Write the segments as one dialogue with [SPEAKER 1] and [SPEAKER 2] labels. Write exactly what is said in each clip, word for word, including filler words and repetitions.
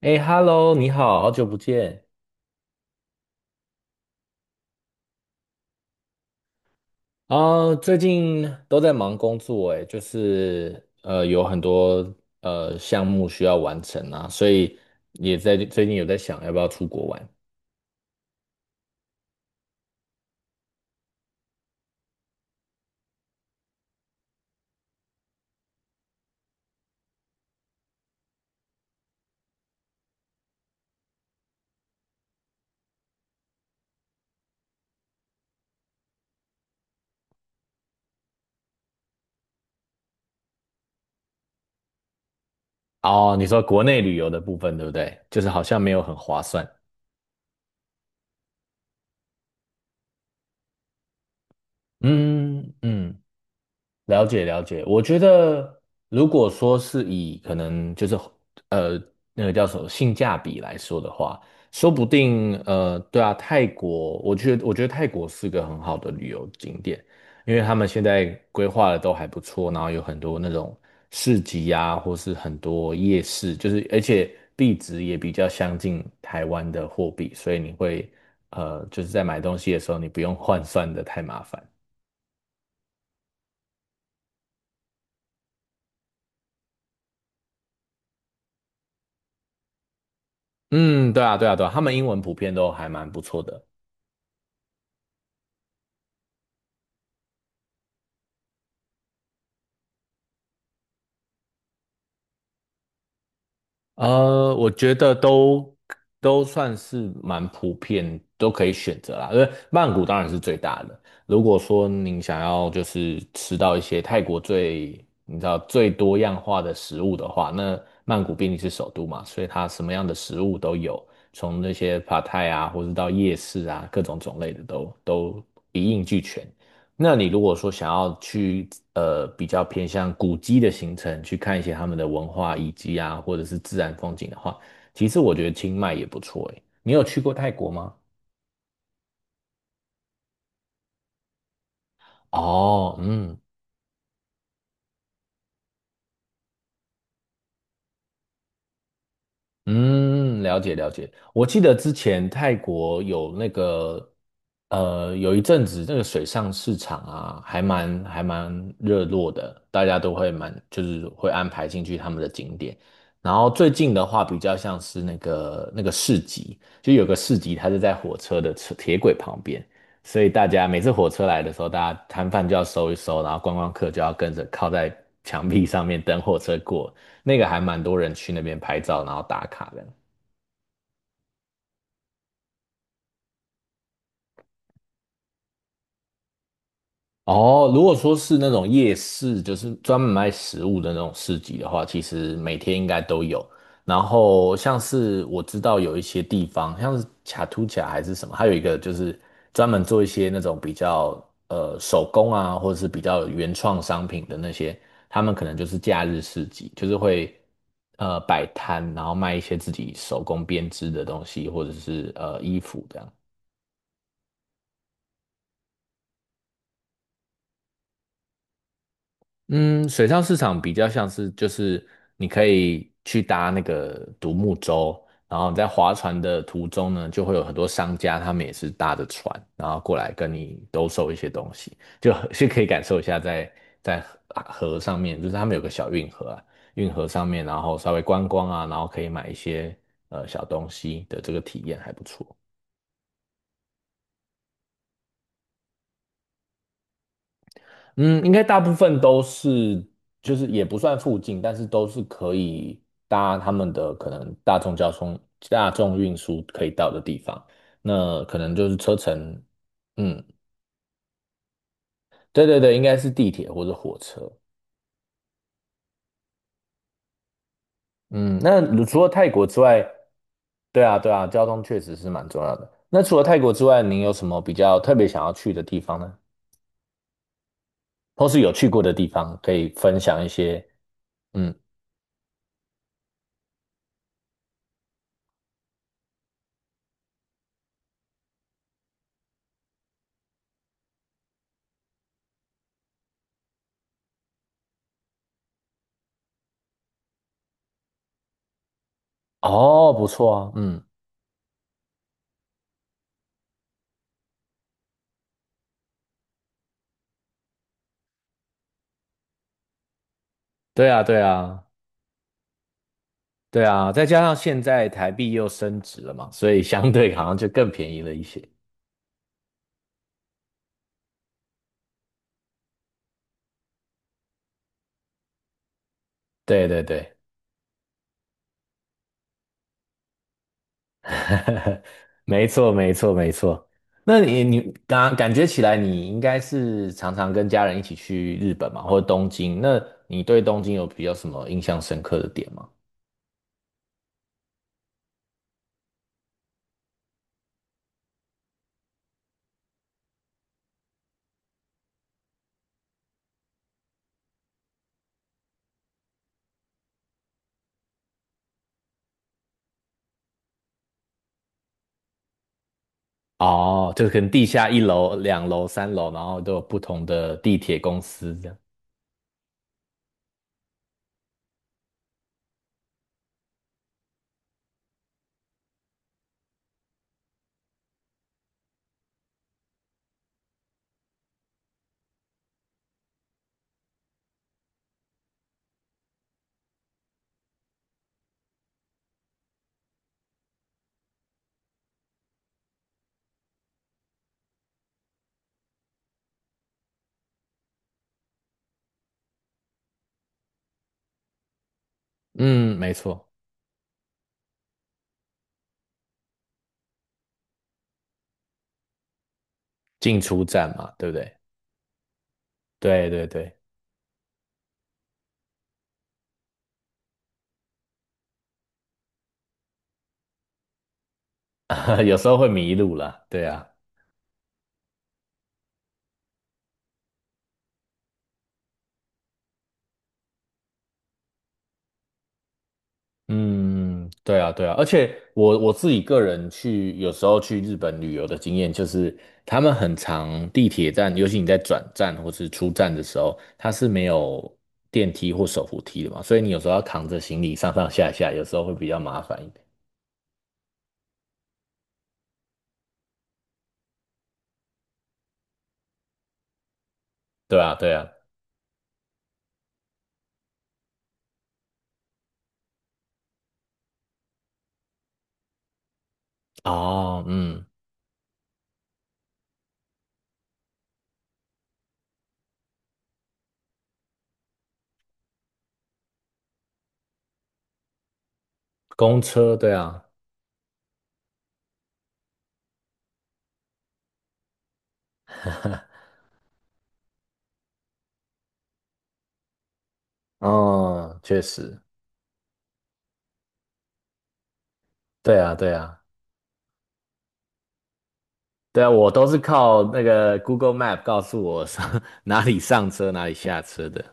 [SPEAKER 1] 哎，Hello，你好，好久不见啊！最近都在忙工作，哎，就是呃，有很多呃项目需要完成啊，所以也在最近有在想要不要出国玩。哦，你说国内旅游的部分对不对？就是好像没有很划算。嗯嗯，了解了解，我觉得如果说是以可能就是呃那个叫什么性价比来说的话，说不定呃对啊，泰国，我觉得我觉得泰国是个很好的旅游景点，因为他们现在规划的都还不错，然后有很多那种市集啊，或是很多夜市，就是而且币值也比较相近台湾的货币，所以你会呃就是在买东西的时候，你不用换算的太麻烦。嗯，对啊，对啊，对啊，他们英文普遍都还蛮不错的。呃，我觉得都都算是蛮普遍，都可以选择啦。因为曼谷当然是最大的。如果说您想要就是吃到一些泰国最你知道最多样化的食物的话，那曼谷毕竟是首都嘛，所以它什么样的食物都有，从那些 p a 啊，或是到夜市啊，各种种类的都都一应俱全。那你如果说想要去呃比较偏向古迹的行程，去看一些他们的文化遗迹啊，或者是自然风景的话，其实我觉得清迈也不错诶。你有去过泰国吗？哦，嗯，嗯，了解了解。我记得之前泰国有那个，呃，有一阵子那个水上市场啊，还蛮还蛮热络的，大家都会蛮就是会安排进去他们的景点。然后最近的话，比较像是那个那个市集，就有个市集，它是在火车的车铁轨旁边，所以大家每次火车来的时候，大家摊贩就要收一收，然后观光客就要跟着靠在墙壁上面等火车过。那个还蛮多人去那边拍照，然后打卡的。哦，如果说是那种夜市，就是专门卖食物的那种市集的话，其实每天应该都有。然后像是我知道有一些地方，像是卡图卡还是什么，还有一个就是专门做一些那种比较呃手工啊，或者是比较原创商品的那些，他们可能就是假日市集，就是会呃摆摊，然后卖一些自己手工编织的东西，或者是呃衣服这样。嗯，水上市场比较像是就是你可以去搭那个独木舟，然后你在划船的途中呢，就会有很多商家，他们也是搭着船，然后过来跟你兜售一些东西，就是可以感受一下在在河河上面，就是他们有个小运河啊，运河上面，然后稍微观光啊，然后可以买一些呃小东西的这个体验还不错。嗯，应该大部分都是，就是也不算附近，但是都是可以搭他们的可能大众交通、大众运输可以到的地方。那可能就是车程，嗯，对对对，应该是地铁或者火车。嗯，那如除了泰国之外，对啊对啊，交通确实是蛮重要的。那除了泰国之外，您有什么比较特别想要去的地方呢？或是有去过的地方，可以分享一些？嗯，哦，不错啊，嗯，对啊对啊。对啊，再加上现在台币又升值了嘛，所以相对好像就更便宜了一些。对对对，没错没错没错。那你你感感觉起来，你应该是常常跟家人一起去日本嘛，或者东京。那你对东京有比较什么印象深刻的点吗？哦，就是可能地下一楼、两楼、三楼，然后都有不同的地铁公司这样。嗯，没错，进出站嘛，对不对？对对对，有时候会迷路啦，对啊。嗯，对啊，对啊，而且我我自己个人去有时候去日本旅游的经验就是，他们很长地铁站，尤其你在转站或是出站的时候，它是没有电梯或手扶梯的嘛，所以你有时候要扛着行李上上下下，有时候会比较麻烦一点。对啊，对啊，哦，嗯，公车，对啊。哦，确实，对啊，对啊，对啊，我都是靠那个 Google Map 告诉我上 哪里上车，哪里下车的。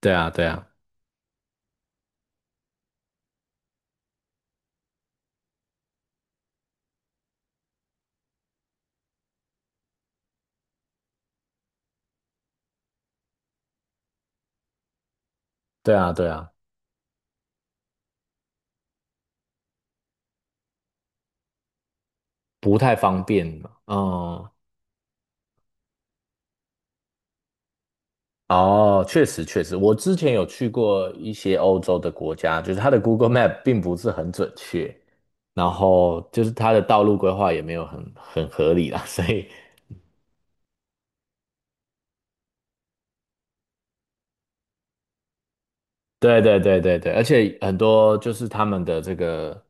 [SPEAKER 1] 对啊，对啊，对啊，对啊。不太方便嘛。嗯，哦，确实确实，我之前有去过一些欧洲的国家，就是它的 Google Map 并不是很准确，然后就是它的道路规划也没有很很合理啦，所以对对对对对，而且很多就是他们的这个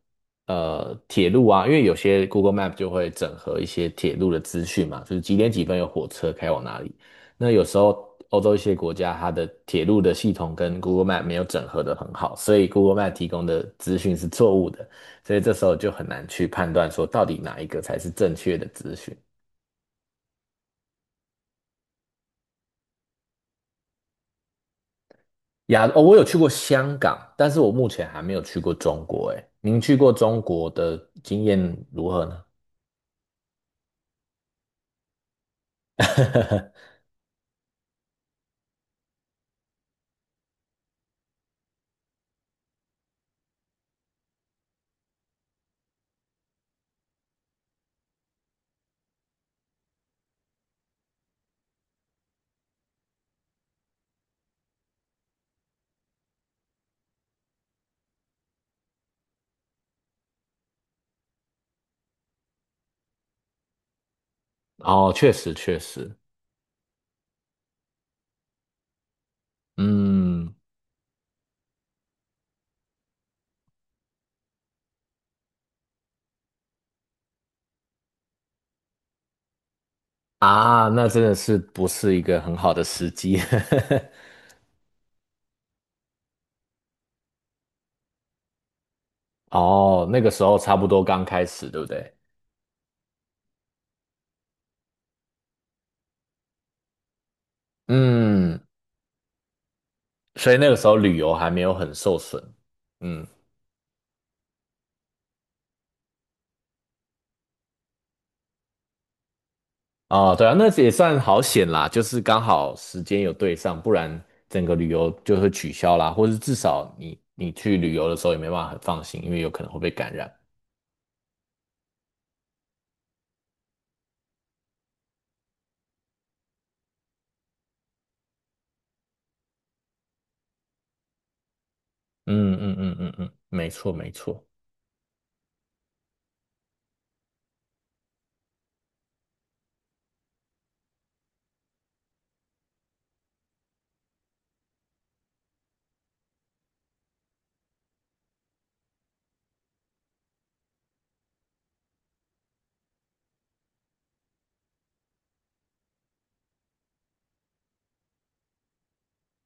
[SPEAKER 1] 呃铁路啊，因为有些 Google Map 就会整合一些铁路的资讯嘛，就是几点几分有火车开往哪里。那有时候欧洲一些国家它的铁路的系统跟 Google Map 没有整合的很好，所以 Google Map 提供的资讯是错误的，所以这时候就很难去判断说到底哪一个才是正确的资讯。亚，哦，我有去过香港，但是我目前还没有去过中国。哎，您去过中国的经验如何呢？哦，确实确实，嗯啊，那真的是不是一个很好的时机。哦，那个时候差不多刚开始，对不对？嗯，所以那个时候旅游还没有很受损。嗯，哦，对啊，那也算好险啦，就是刚好时间有对上，不然整个旅游就会取消啦，或是至少你你去旅游的时候也没办法很放心，因为有可能会被感染。嗯嗯嗯嗯嗯，嗯没错没错。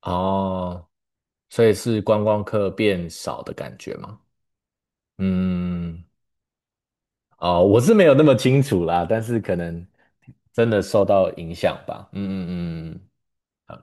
[SPEAKER 1] 哦，所以是观光客变少的感觉吗？嗯，哦，我是没有那么清楚啦，但是可能真的受到影响吧。嗯嗯嗯，好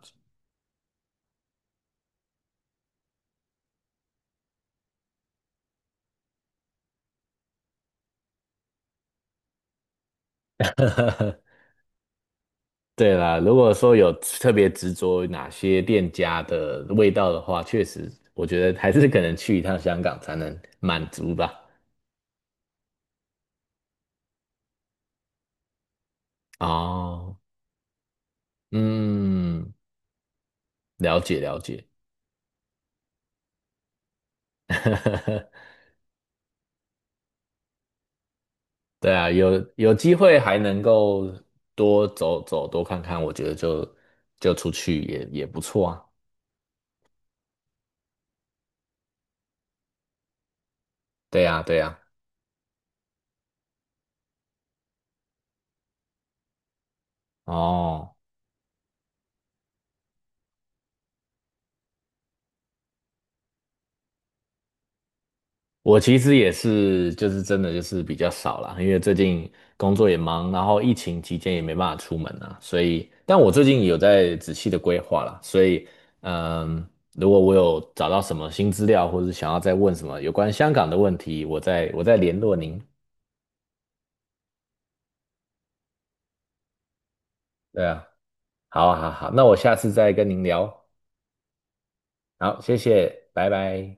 [SPEAKER 1] 对啦，如果说有特别执着于哪些店家的味道的话，确实，我觉得还是可能去一趟香港才能满足吧。哦，嗯，了解了解。对啊，有有机会还能够多走走，多看看，我觉得就就出去也也不错啊。对啊，对啊。哦，我其实也是，就是真的就是比较少啦，因为最近工作也忙，然后疫情期间也没办法出门啊，所以，但我最近有在仔细的规划啦，所以，嗯，如果我有找到什么新资料，或是想要再问什么有关香港的问题，我再我再联络您。对啊，好啊，好啊好好啊那我下次再跟您聊。好，谢谢，拜拜。